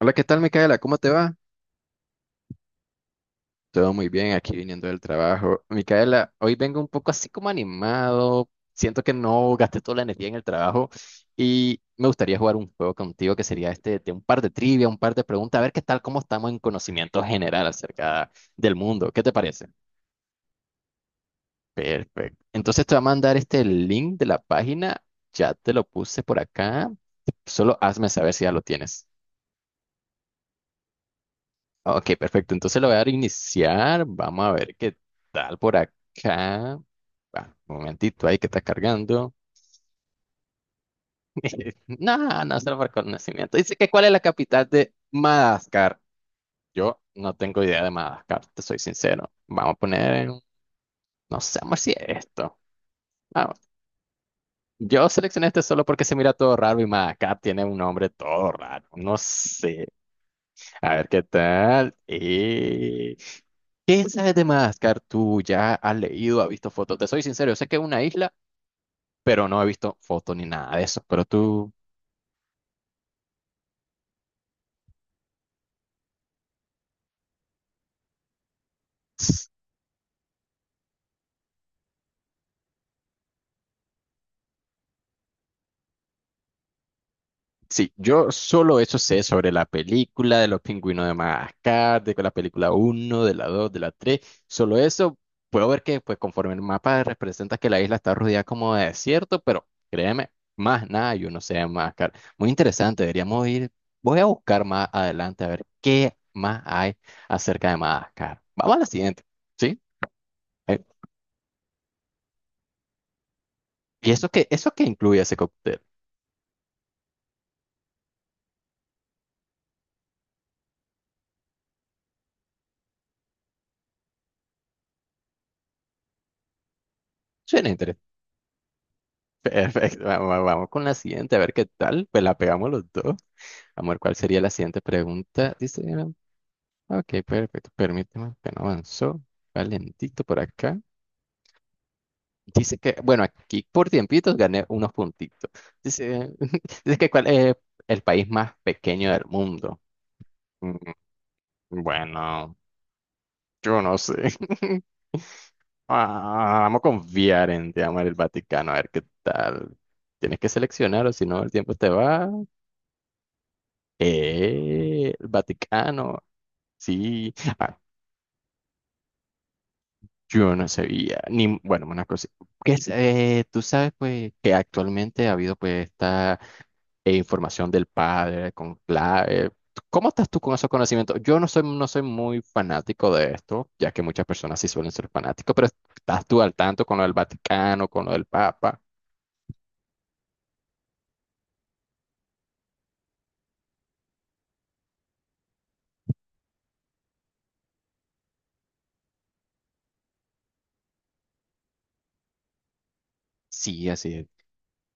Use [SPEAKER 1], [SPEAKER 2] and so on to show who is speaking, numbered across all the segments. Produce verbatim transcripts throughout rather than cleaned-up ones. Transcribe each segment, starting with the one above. [SPEAKER 1] Hola, ¿qué tal, Micaela? ¿Cómo te va? Todo muy bien, aquí viniendo del trabajo. Micaela, hoy vengo un poco así como animado. Siento que no gasté toda la energía en el trabajo y me gustaría jugar un juego contigo que sería este de un par de trivia, un par de preguntas, a ver qué tal, cómo estamos en conocimiento general acerca del mundo. ¿Qué te parece? Perfecto. Entonces te voy a mandar este link de la página. Ya te lo puse por acá. Solo hazme saber si ya lo tienes. Ok, perfecto. Entonces lo voy a dar iniciar. Vamos a ver qué tal por acá. Ah, un momentito ahí que está cargando. No, no se lo marcó el nacimiento. Dice que cuál es la capital de Madagascar. Yo no tengo idea de Madagascar, te soy sincero. Vamos a poner, no sé, amor, si es esto. Vamos. Yo seleccioné este solo porque se mira todo raro y Madagascar tiene un nombre todo raro. No sé. A ver qué tal. ¿Quién sabe de Madagascar? Tú ya has leído, has visto fotos. Te soy sincero, yo sé que es una isla, pero no he visto fotos ni nada de eso. Pero tú. Sí, yo solo eso sé sobre la película de los pingüinos de Madagascar, de la película uno, de la dos, de la tres. Solo eso puedo ver que pues conforme el mapa representa que la isla está rodeada como de desierto, pero créeme, más nada yo no sé de Madagascar. Muy interesante, deberíamos ir. Voy a buscar más adelante a ver qué más hay acerca de Madagascar. Vamos a la siguiente, ¿sí? Eh, ¿Y eso qué, eso qué incluye ese cóctel? Suena interesante. Perfecto, vamos, vamos con la siguiente, a ver qué tal. Pues la pegamos los dos. Amor, ¿cuál sería la siguiente pregunta? Dice, ah, ok, perfecto. Permíteme, que no avanzó. Valentito por acá. Dice que, bueno, aquí por tiempitos gané unos puntitos. Dice, dice que cuál es el país más pequeño del mundo. Mm, Bueno, yo no sé. Ah, vamos a confiar en, te amor, el Vaticano, a ver qué tal. Tienes que seleccionar o si no el tiempo te va. Eh, el Vaticano. Sí. Ah, yo no sabía, ni, bueno, una cosa, que es, eh, tú sabes pues que actualmente ha habido pues esta eh, información del padre con clave. ¿Cómo estás tú con esos conocimientos? Yo no soy, no soy muy fanático de esto, ya que muchas personas sí suelen ser fanáticos, pero ¿estás tú al tanto con lo del Vaticano, con lo del Papa? Sí, así es.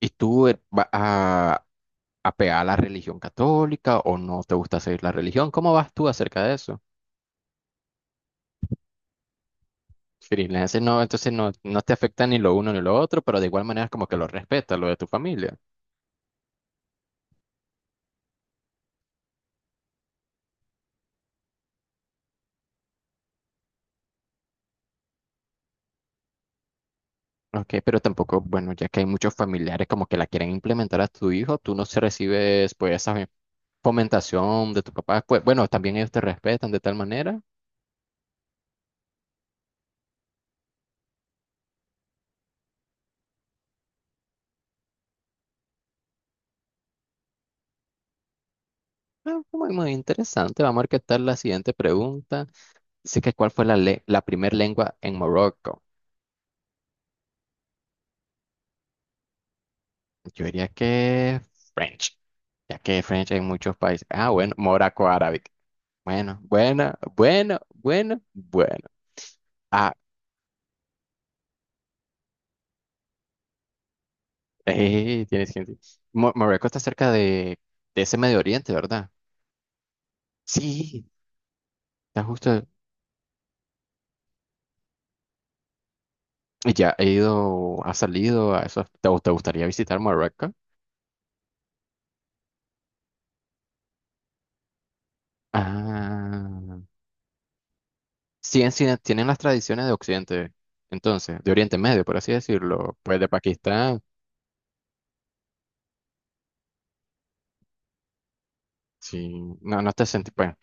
[SPEAKER 1] ¿Y tú eh, vas a apegar a la religión católica o no te gusta seguir la religión? ¿Cómo vas tú acerca de eso? Freelance, no, entonces no, no te afecta ni lo uno ni lo otro, pero de igual manera es como que lo respeta, lo de tu familia. Ok, pero tampoco, bueno, ya que hay muchos familiares como que la quieren implementar a tu hijo, tú no se recibes pues esa fomentación de tu papá. Pues bueno, también ellos te respetan de tal manera. Ah, muy, muy interesante. Vamos a ver qué tal la siguiente pregunta. Dice que cuál fue la, le- la primera lengua en Morocco. Yo diría que French, ya que French hay en muchos países. Ah, bueno, Morocco árabe. Bueno, bueno, bueno, bueno, bueno. Ah, eh, tienes gente. Mo- Marruecos está cerca de, de ese Medio Oriente, ¿verdad? Sí, está justo. Y ya he ido, ha salido a eso. ¿Te, gu- te gustaría visitar Marruecos? Ah, sí, en sí, tienen las tradiciones de Occidente, entonces, de Oriente Medio, por así decirlo. Pues de Pakistán, sí. No, no te sentís, pues,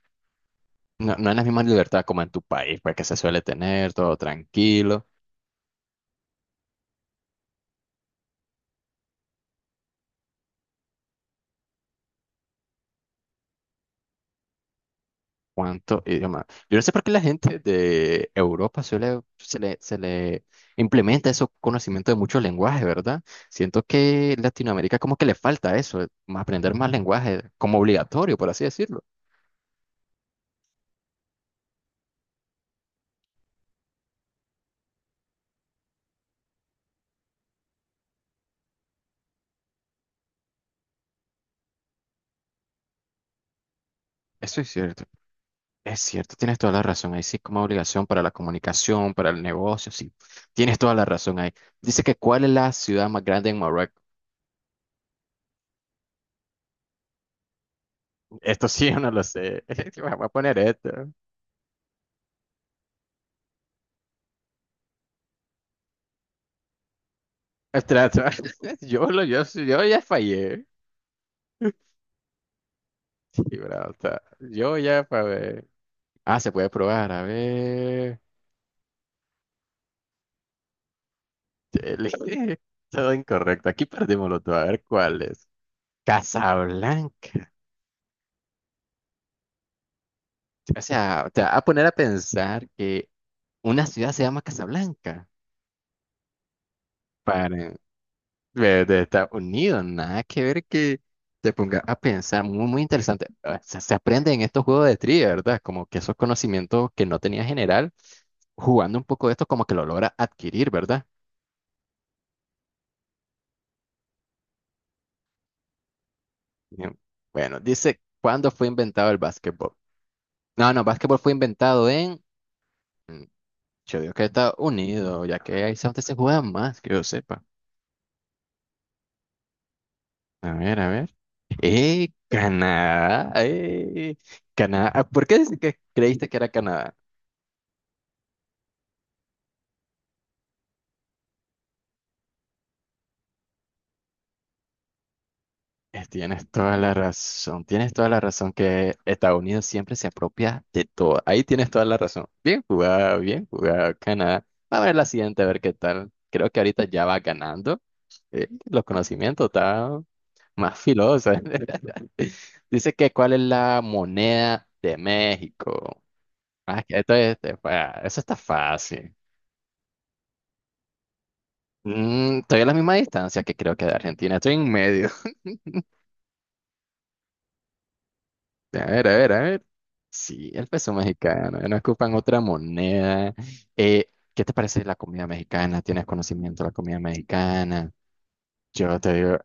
[SPEAKER 1] no, no es la misma libertad como en tu país, pues que se suele tener, todo tranquilo. Cuánto idioma. Yo no sé por qué la gente de Europa suele, se le, se le implementa ese conocimiento de muchos lenguajes, ¿verdad? Siento que Latinoamérica como que le falta eso, eh, más aprender más lenguajes como obligatorio, por así decirlo. Eso es cierto, es cierto, tienes toda la razón. Ahí sí como obligación para la comunicación, para el negocio, sí. Tienes toda la razón ahí. Dice que ¿cuál es la ciudad más grande en Marruecos? Esto sí, yo no lo sé. Voy a poner esto. Trato. Yo, lo, yo, yo ya fallé. Y bravo o sea, yo ya para ver. Ah, se puede probar, a ver. Chele. Todo incorrecto. Aquí perdimos los dos. A ver cuál es. Casablanca. O sea, te va a poner a pensar que una ciudad se llama Casablanca. Para de, de Estados Unidos, nada que ver que te ponga a pensar. Muy, muy interesante. O sea, se aprende en estos juegos de trivia, ¿verdad? Como que esos conocimientos que no tenía general, jugando un poco de esto, como que lo logra adquirir, ¿verdad? Bien. Bueno, dice, ¿cuándo fue inventado el básquetbol? No, no, básquetbol fue inventado en... mm, Yo digo que Estados Unidos, ya que ahí es donde se juega más, que yo sepa. A ver, a ver. ¡Eh, Canadá! ¡Eh, Canadá! Ah, ¿por qué dice que creíste que era Canadá? Eh, Tienes toda la razón, tienes toda la razón que Estados Unidos siempre se apropia de todo. Ahí tienes toda la razón. Bien jugado, bien jugado, Canadá. A ver la siguiente, a ver qué tal. Creo que ahorita ya va ganando. Eh, los conocimientos, está más filoso. Dice que cuál es la moneda de México. Ah, que esto es- eh, ah, eso está fácil. Mm, estoy a la misma distancia que creo que de Argentina. Estoy en medio. A ver, a ver, a ver. Sí, el peso mexicano. No ocupan otra moneda. Eh, ¿qué te parece la comida mexicana? ¿Tienes conocimiento de la comida mexicana? Yo te digo.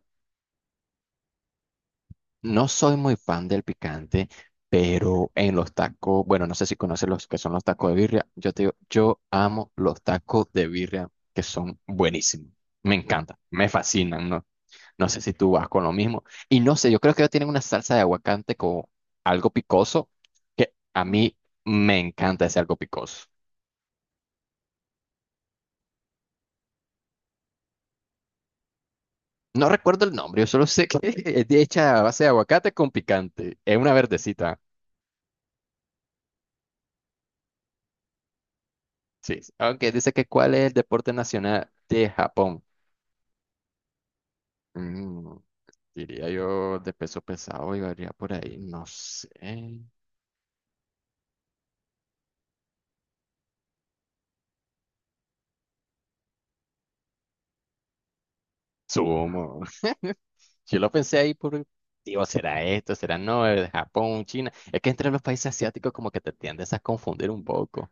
[SPEAKER 1] No soy muy fan del picante, pero en los tacos, bueno, no sé si conoces los que son los tacos de birria. Yo te digo, yo amo los tacos de birria que son buenísimos. Me encantan, me fascinan, ¿no? No sé si tú vas con lo mismo. Y no sé, yo creo que ellos tienen una salsa de aguacate con algo picoso, que a mí me encanta ese algo picoso. No recuerdo el nombre, yo solo sé que es de hecha a base de aguacate con picante. Es una verdecita. Sí, aunque dice que cuál es el deporte nacional de Japón. Mm, Diría yo de peso pesado y varía por ahí, no sé. Sumo. Yo lo pensé ahí por, digo, ¿será esto? ¿Será no? ¿Es Japón, China? Es que entre los países asiáticos como que te tiendes a confundir un poco.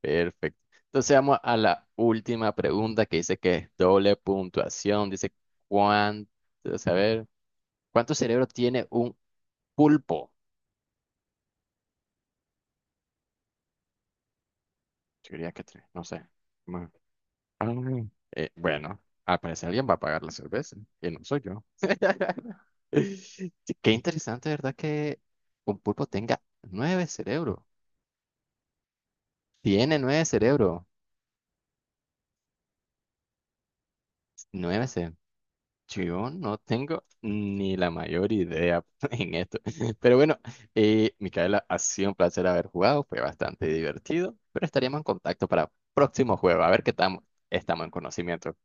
[SPEAKER 1] Perfecto. Entonces vamos a la última pregunta que dice que es doble puntuación. Dice, ¿cuánto, a ver, cuánto cerebro tiene un pulpo? Yo diría que tres, no sé. Bueno, Ah, eh, bueno, al parecer alguien va a pagar la cerveza y no soy yo. Sí, Qué interesante, ¿verdad? Que un pulpo tenga nueve cerebros. Tiene nueve cerebros. Nueve ce- Yo no tengo ni la mayor idea en esto. Pero bueno, eh, Micaela, ha sido un placer haber jugado. Fue bastante divertido. Pero estaríamos en contacto para próximo juego. A ver qué estamos, estamos en conocimiento.